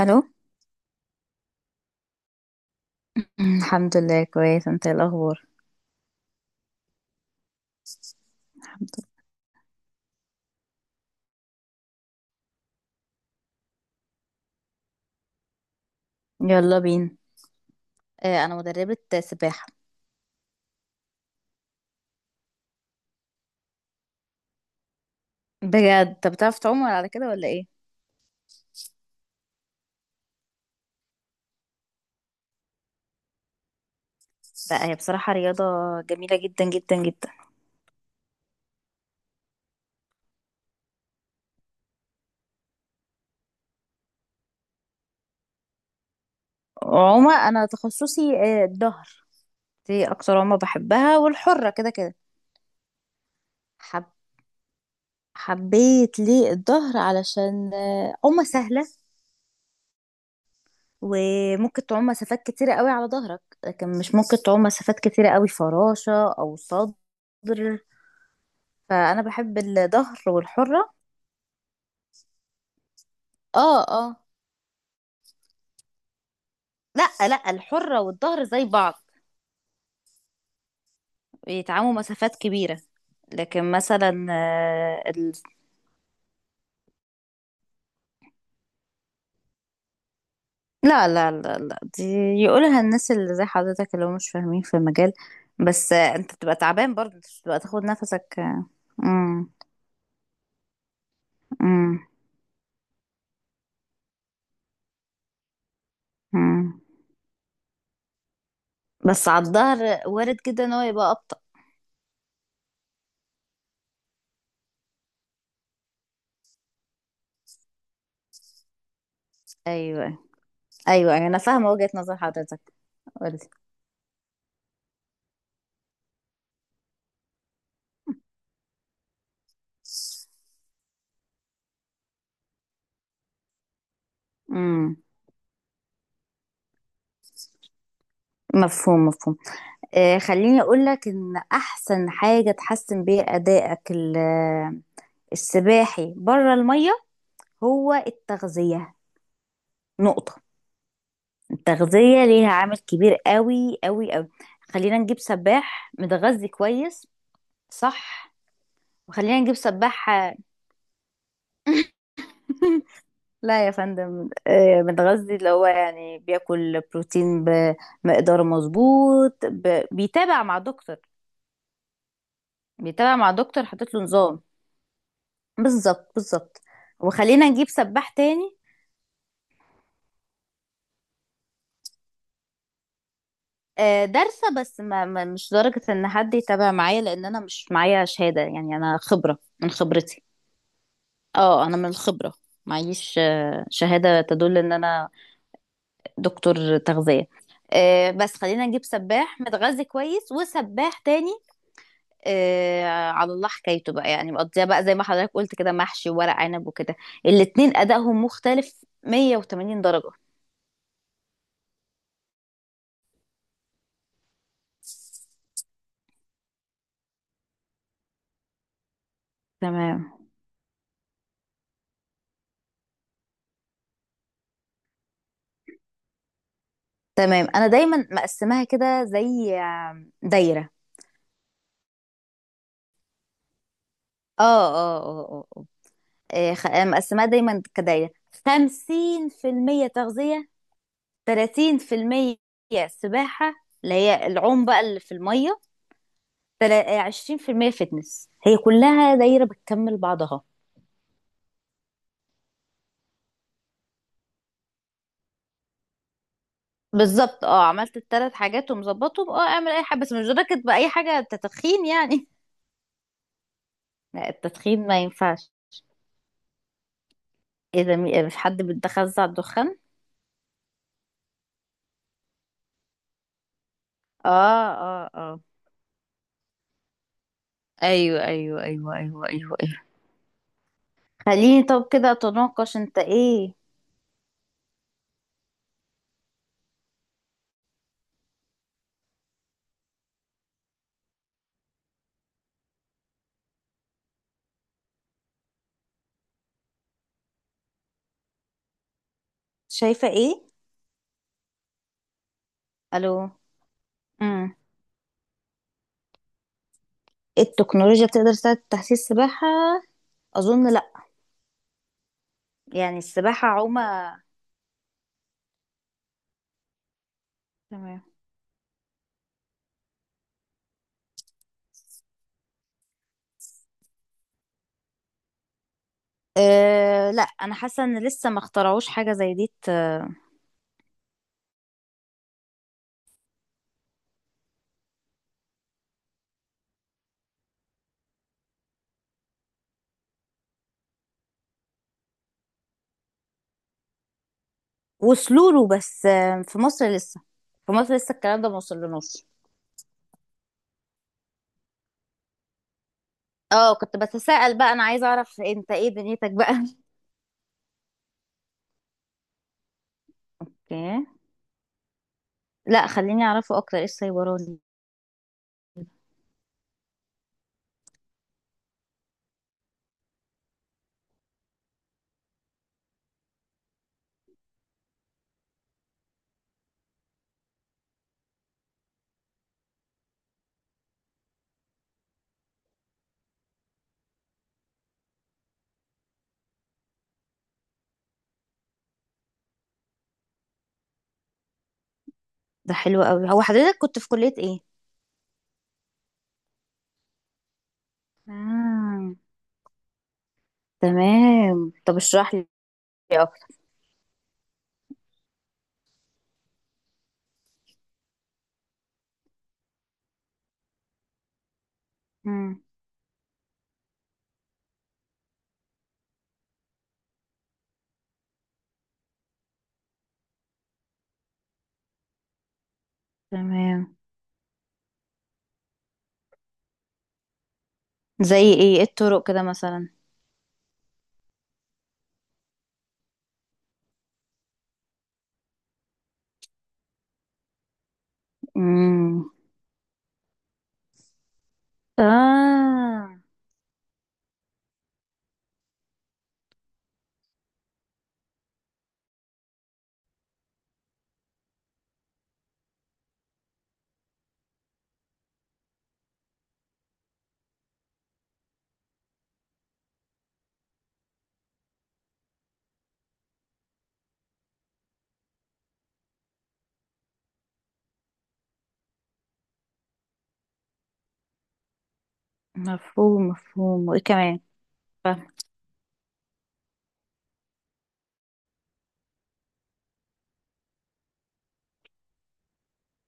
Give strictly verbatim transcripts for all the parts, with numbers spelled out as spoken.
الو. مم، الحمد لله كويس. انت ايه الاخبار؟ يلا بينا. آه، انا مدربة سباحة. بجد؟ طب بتعرف تعوم ولا على كده ولا ايه؟ لا، هي بصراحة رياضة جميلة جدا جدا جدا. عومة، انا تخصصي آه الظهر. دي اكتر عومة بحبها، والحرة كده كده. حب حبيت ليه الظهر علشان آه عومة سهلة، وممكن تعوم مسافات كتيرة قوي على ظهرك، لكن مش ممكن تعوم مسافات كتيرة قوي فراشة او صدر. فانا بحب الظهر والحرة. اه اه. لا لا الحرة والظهر زي بعض، بيتعاموا مسافات كبيرة. لكن مثلا آه، ال... لا لا لا لا دي يقولها الناس اللي زي حضرتك اللي هم مش فاهمين في المجال. بس آه، انت بتبقى تعبان برضه، انت مش بتبقى تاخد نفسك آه، مم. مم. مم. بس على الظهر وارد جدا ان هو يبقى أبطأ. ايوه. ايوه، أيوه، انا فاهمة وجهة نظر حضرتك. قولي. مم. مفهوم مفهوم. آه، خليني اقول لك ان احسن حاجه تحسن بيها ادائك ال- السباحي بره الميه هو التغذيه. نقطه. التغذيه ليها عامل كبير قوي قوي قوي. خلينا نجيب سباح متغذي كويس، صح؟ وخلينا نجيب سباح، لا يا فندم، آه، متغذي اللي هو يعني بياكل بروتين بمقدار مظبوط، ب... بيتابع مع دكتور. بيتابع مع دكتور حاطط له نظام. بالظبط بالظبط. وخلينا نجيب سباح تاني. آه، دارسة، بس ما ما- مش درجة ان حد يتابع معايا، لان انا مش معايا شهادة، يعني انا خبرة من خبرتي. اه، انا من الخبرة، معيش آه، شهادة تدل ان انا دكتور تغذية. آه، بس خلينا نجيب سباح متغذي كويس وسباح تاني. آه، على الله حكايته بقى، يعني مقضيها بقى زي ما حضرتك قلت كده محشي وورق عنب وكده. الاتنين ادائهم مختلف مية وتمانين درجة. تمام تمام، انا دايما مقسماها كده زي آم، دايره. اه اه اه اه آه. إيه، خ- آه، مقسماها دايما كدايره. خمسين في المية تغذيه، تلاتين في المية سباحه، اللي هي العوم بقى اللي في الميه، تلا- آه، عشرين في المية فتنس. هي كلها دايره بتكمل بعضها. بالظبط. اه، عملت الثلاث حاجات ومظبطهم، اه اعمل اي حاجه، بس مش دركت باي حاجه تدخين يعني. لا، التدخين ما ينفعش. اذا مش حد بيتخزع الدخان. اه اه اه. ايوه ايوه ايوه ايوه ايوه ايوه. خليني طب كده اتناقش، انت ايه شايفة؟ ايه؟ الو. امم، التكنولوجيا بتقدر تساعد في تحسين السباحة؟ اظن لا. يعني السباحة عومة. تمام. أه لا، انا حاسة ان لسه ما اخترعوش حاجة زي دي ت- وصلوا له، بس آه، في مصر لسه، في مصر لسه الكلام ده ما وصلناش. اه، كنت بتساءل بقى، انا عايزة اعرف انت ايه دنيتك بقى. اوكي. لا خليني اعرفه اكتر، ايه السايبراني؟ ده حلو قوي. هو حضرتك كنت في كلية ايه؟ آه. تمام، طب اشرح لي اكتر. مم. تمام. زي ايه؟ إيه الطرق كده مثلا؟ امم. اه. مفهوم مفهوم، وايه كمان؟ فاهمة.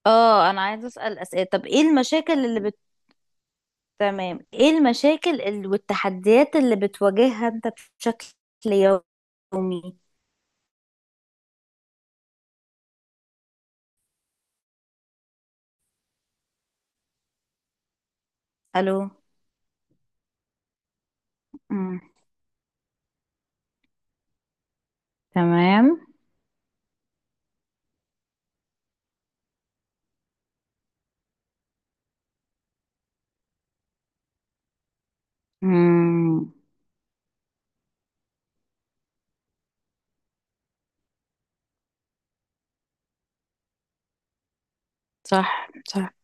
اه، انا عايزه اسال اسئله. طب ايه المشاكل اللي بت... تمام، ايه المشاكل اللي... والتحديات اللي بتواجهها انت بشكل يومي؟ الو. مم. تمام. امم. صح صح.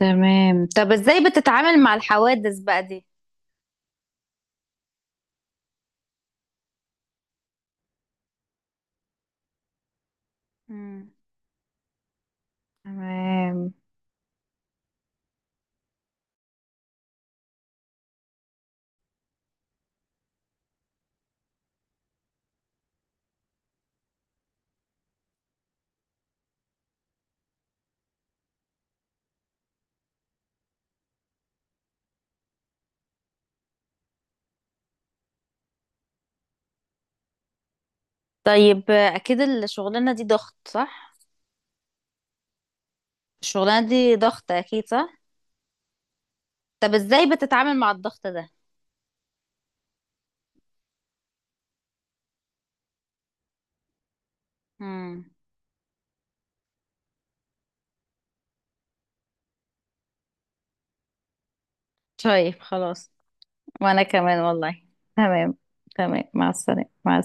تمام، طب ازاي بتتعامل مع الحوادث بقى دي؟ مم. تمام. طيب اكيد الشغلانة دي ضغط، صح؟ الشغلانة دي ضغط اكيد، صح؟ طب ازاي بتتعامل مع الضغط ده؟ امم. طيب خلاص. وانا كمان والله. تمام. تمام، مع السلامة، مع